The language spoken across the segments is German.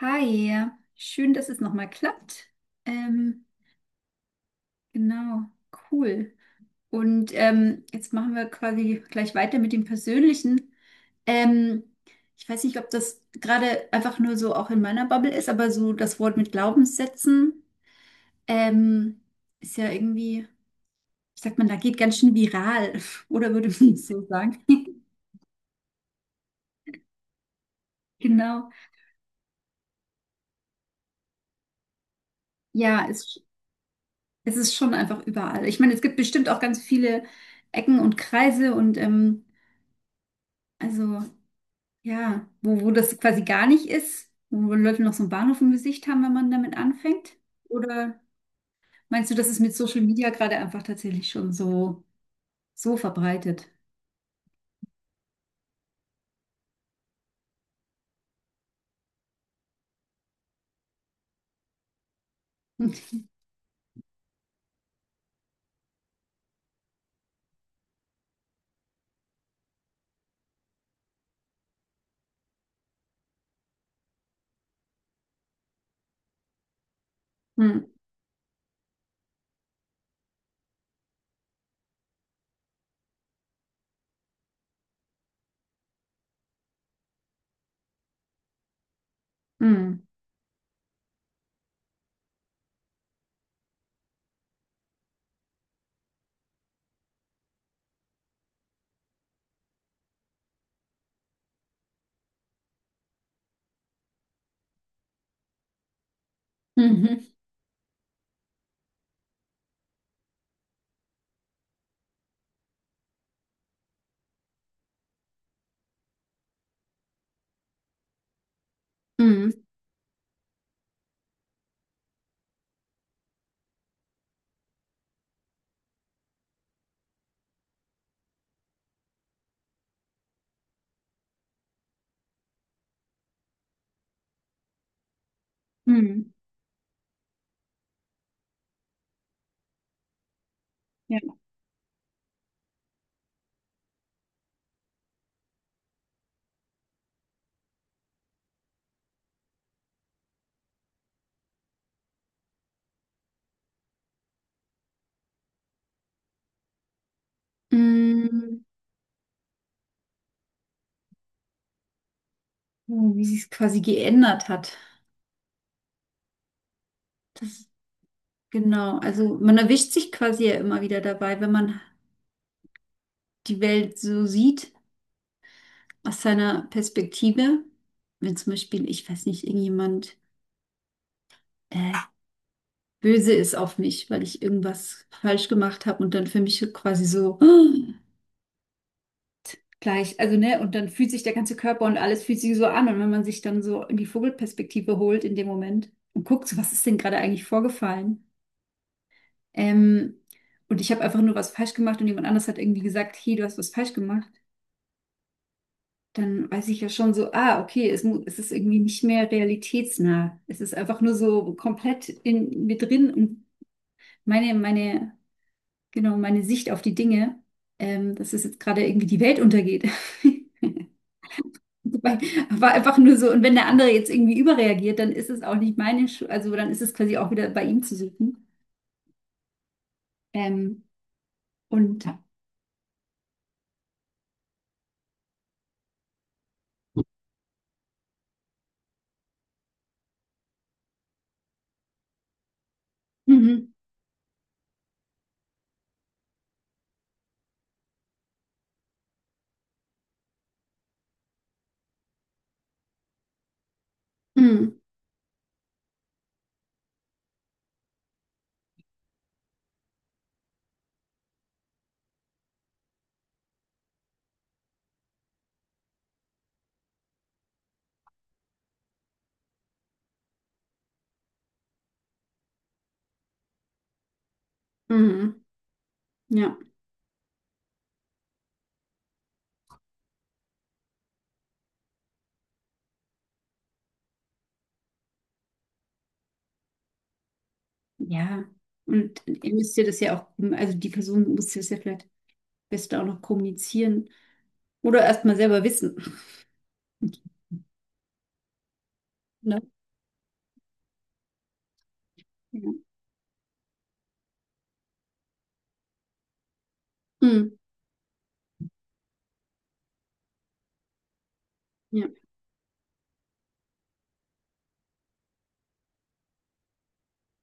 Hi, schön, dass es nochmal klappt. Ähm, genau, cool. Und jetzt machen wir quasi gleich weiter mit dem Persönlichen. Ähm, ich weiß nicht, ob das gerade einfach nur so auch in meiner Bubble ist, aber so das Wort mit Glaubenssätzen ähm, ist ja irgendwie, wie sagt man, da geht ganz schön viral, oder würde man so sagen? Genau. Ja, es ist schon einfach überall. Ich meine, es gibt bestimmt auch ganz viele Ecken und Kreise und also. Ja, wo das quasi gar nicht ist, wo Leute noch so einen Bahnhof im Gesicht haben, wenn man damit anfängt? Oder meinst du, das ist mit Social Media gerade einfach tatsächlich schon so verbreitet? Hm, hm, mhm, hm, hm, ja. Hm, ja, wie sie es quasi geändert hat. Das, genau, also man erwischt sich quasi ja immer wieder dabei, wenn man die Welt so sieht aus seiner Perspektive. Wenn zum Beispiel, ich weiß nicht, irgendjemand. äh, böse ist auf mich, weil ich irgendwas falsch gemacht habe und dann für mich quasi so "Ah", gleich, also ne, und dann fühlt sich der ganze Körper und alles fühlt sich so an und wenn man sich dann so in die Vogelperspektive holt in dem Moment und guckt, so, was ist denn gerade eigentlich vorgefallen? Ähm, und ich habe einfach nur was falsch gemacht und jemand anders hat irgendwie gesagt, hey, du hast was falsch gemacht. Dann weiß ich ja schon so, ah, okay, es ist irgendwie nicht mehr realitätsnah. Es ist einfach nur so komplett in mir drin und meine, meine genau, meine Sicht auf die Dinge, dass es jetzt gerade irgendwie die Welt untergeht. Wobei, war einfach nur so, und wenn der andere jetzt irgendwie überreagiert, dann ist es auch nicht meine Schuld, also dann ist es quasi auch wieder bei ihm zu suchen. Ähm, und ja. Mhm, mhm, mhm, ja, ja. Und ihr müsst ihr das ja auch, also die Person muss das ja vielleicht best auch noch kommunizieren oder erstmal selber wissen. Ne? Ja. Mhm, ja.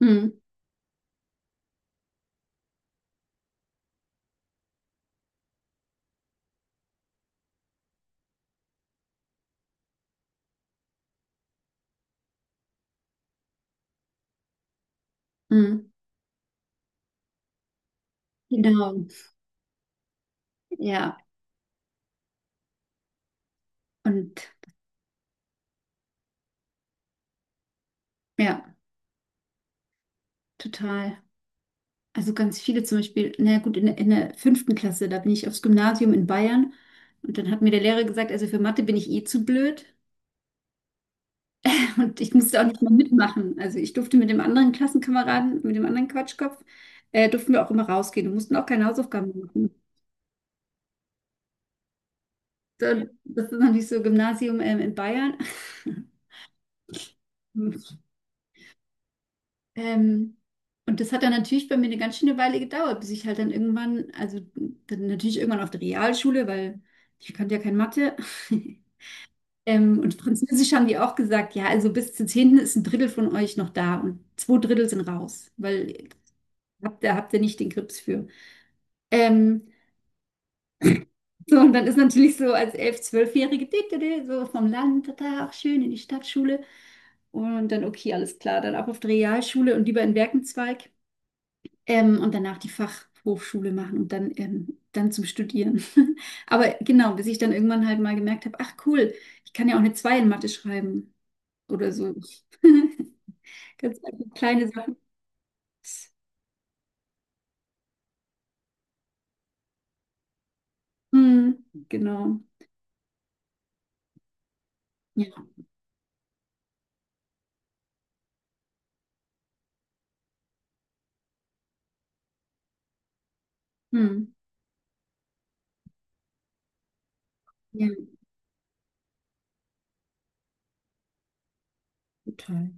Mhm, mhm, genau. Ja, und ja, total. Also ganz viele zum Beispiel, na ja, gut, in der fünften Klasse, da bin ich aufs Gymnasium in Bayern und dann hat mir der Lehrer gesagt, also für Mathe bin ich eh zu blöd und ich musste auch nicht mal mitmachen. Also ich durfte mit dem anderen Klassenkameraden, mit dem anderen Quatschkopf, durften wir auch immer rausgehen und mussten auch keine Hausaufgaben machen. So. Das ist natürlich so Gymnasium in Bayern. Ähm, und das hat dann natürlich bei mir eine ganz schöne Weile gedauert, bis ich halt dann irgendwann, also dann natürlich irgendwann auf der Realschule, weil ich kannte ja kein Mathe. Und Französisch haben die auch gesagt, ja, also bis zu Zehnten ist ein Drittel von euch noch da und zwei Drittel sind raus, weil habt ihr nicht den Grips für. Ähm, so, und dann ist natürlich so als Elf-, Zwölfjährige, dit, dit, dit, so vom Land, da, auch schön in die Stadtschule. Und dann, okay, alles klar, dann ab auf die Realschule und lieber in Werkenzweig und danach die Fachhochschule machen und dann zum Studieren. Aber genau, bis ich dann irgendwann halt mal gemerkt habe, ach cool, ich kann ja auch eine Zwei in Mathe schreiben oder so. Ganz einfach kleine Sachen. Hm, genau. Ja. Hm, ja, total.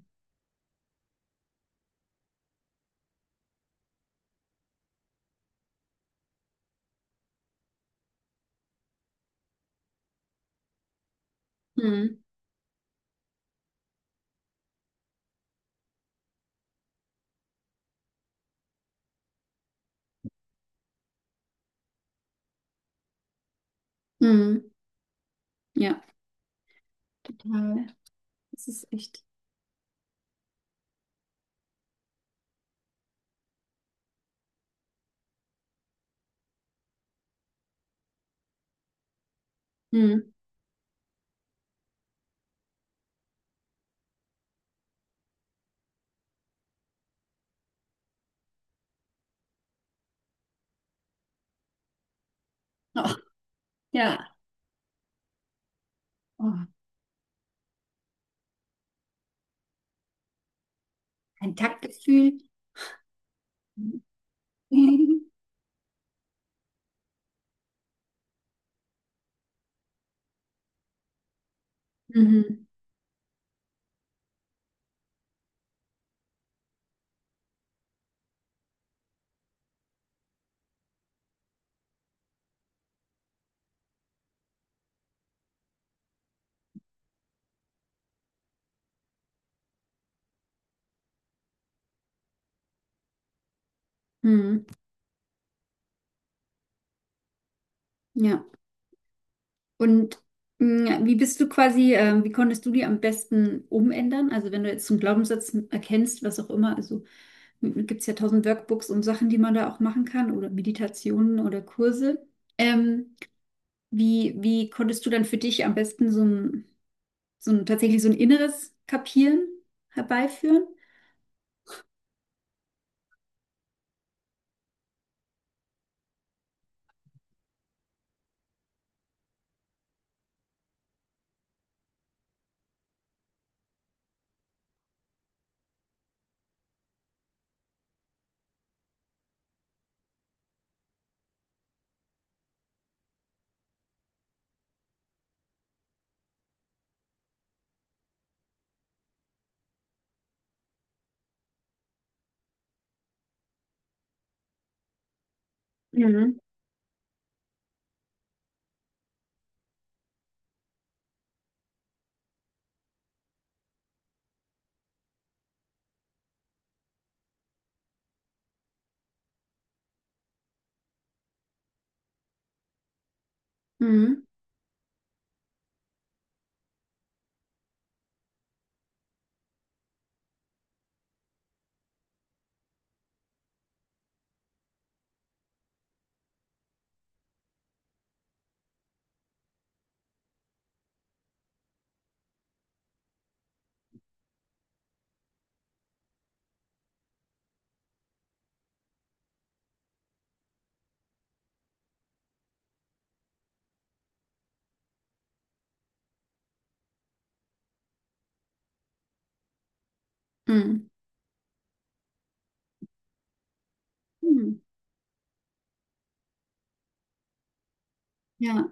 Hm, hm. Ja. Total. Das ist echt. Hm. Ach, ja. Oh, ein Taktgefühl. Mhm. Mhm. Ja. Und wie bist du quasi, wie konntest du die am besten umändern? Also wenn du jetzt einen Glaubenssatz erkennst, was auch immer, also gibt es ja tausend Workbooks und Sachen, die man da auch machen kann oder Meditationen oder Kurse. Ähm, wie konntest du dann für dich am besten so ein tatsächlich so ein inneres Kapieren herbeiführen? Mhm. Mhm. Mhm. Mhm. Ja.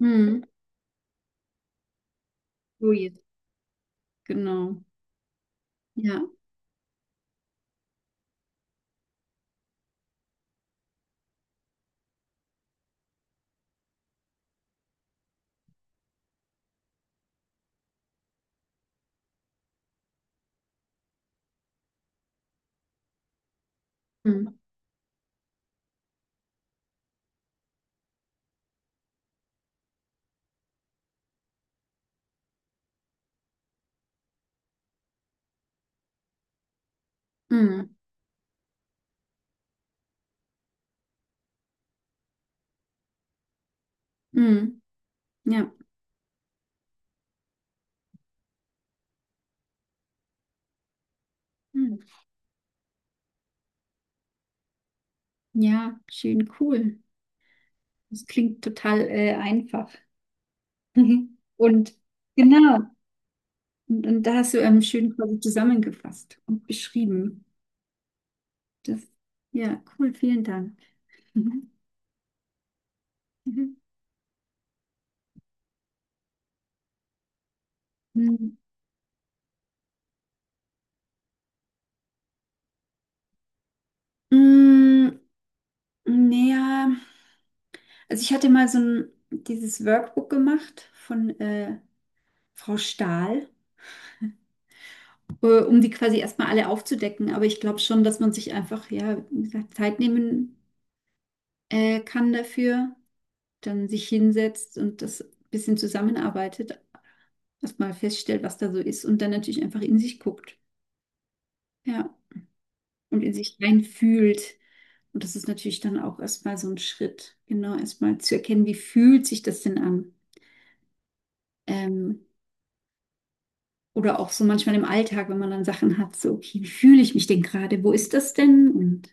Mhm. So jetzt. Genau. Ja. Mhm. Mhm. Mhm. Ja. Mhm. Ja, schön cool. Das klingt total einfach. Und genau. Und da hast du schön quasi zusammengefasst und beschrieben. Das, ja, cool, vielen Dank. Mhm. Mhm. Mm, Naja, also ich hatte mal dieses Workbook gemacht von Frau Stahl, um die quasi erstmal alle aufzudecken. Aber ich glaube schon, dass man sich einfach, ja, wie gesagt, Zeit nehmen kann dafür, dann sich hinsetzt und das ein bisschen zusammenarbeitet, erstmal feststellt, was da so ist und dann natürlich einfach in sich guckt, ja, und in sich reinfühlt. Und das ist natürlich dann auch erstmal so ein Schritt, genau, erstmal zu erkennen, wie fühlt sich das denn an? Ähm, Oder auch so manchmal im Alltag, wenn man dann Sachen hat, so, okay, wie fühle ich mich denn gerade? Wo ist das denn? Und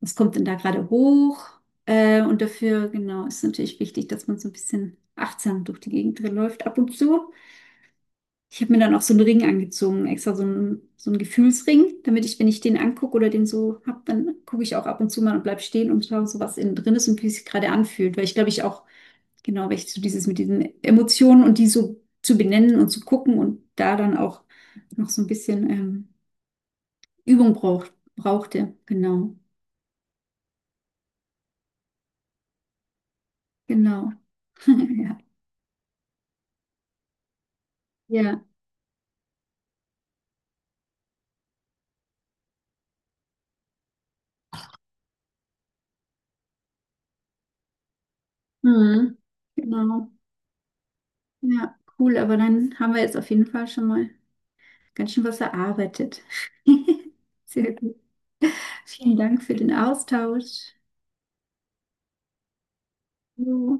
was kommt denn da gerade hoch? Und dafür, genau, ist natürlich wichtig, dass man so ein bisschen achtsam durch die Gegend läuft ab und zu. Ich habe mir dann auch so einen Ring angezogen, extra so einen Gefühlsring, damit ich, wenn ich den angucke oder den so habe, dann gucke ich auch ab und zu mal und bleib stehen und schaue so, was innen drin ist und wie es sich gerade anfühlt. Weil ich glaube, ich auch. Genau, richtig, so dieses mit diesen Emotionen und die so zu benennen und zu gucken und da dann auch noch so ein bisschen Übung braucht, brauchte. Genau, genau. Ja, ja, mhm. Genau. Ja, cool, aber dann haben wir jetzt auf jeden Fall schon mal ganz schön was erarbeitet. Sehr gut. Vielen Dank für den Austausch. Jo.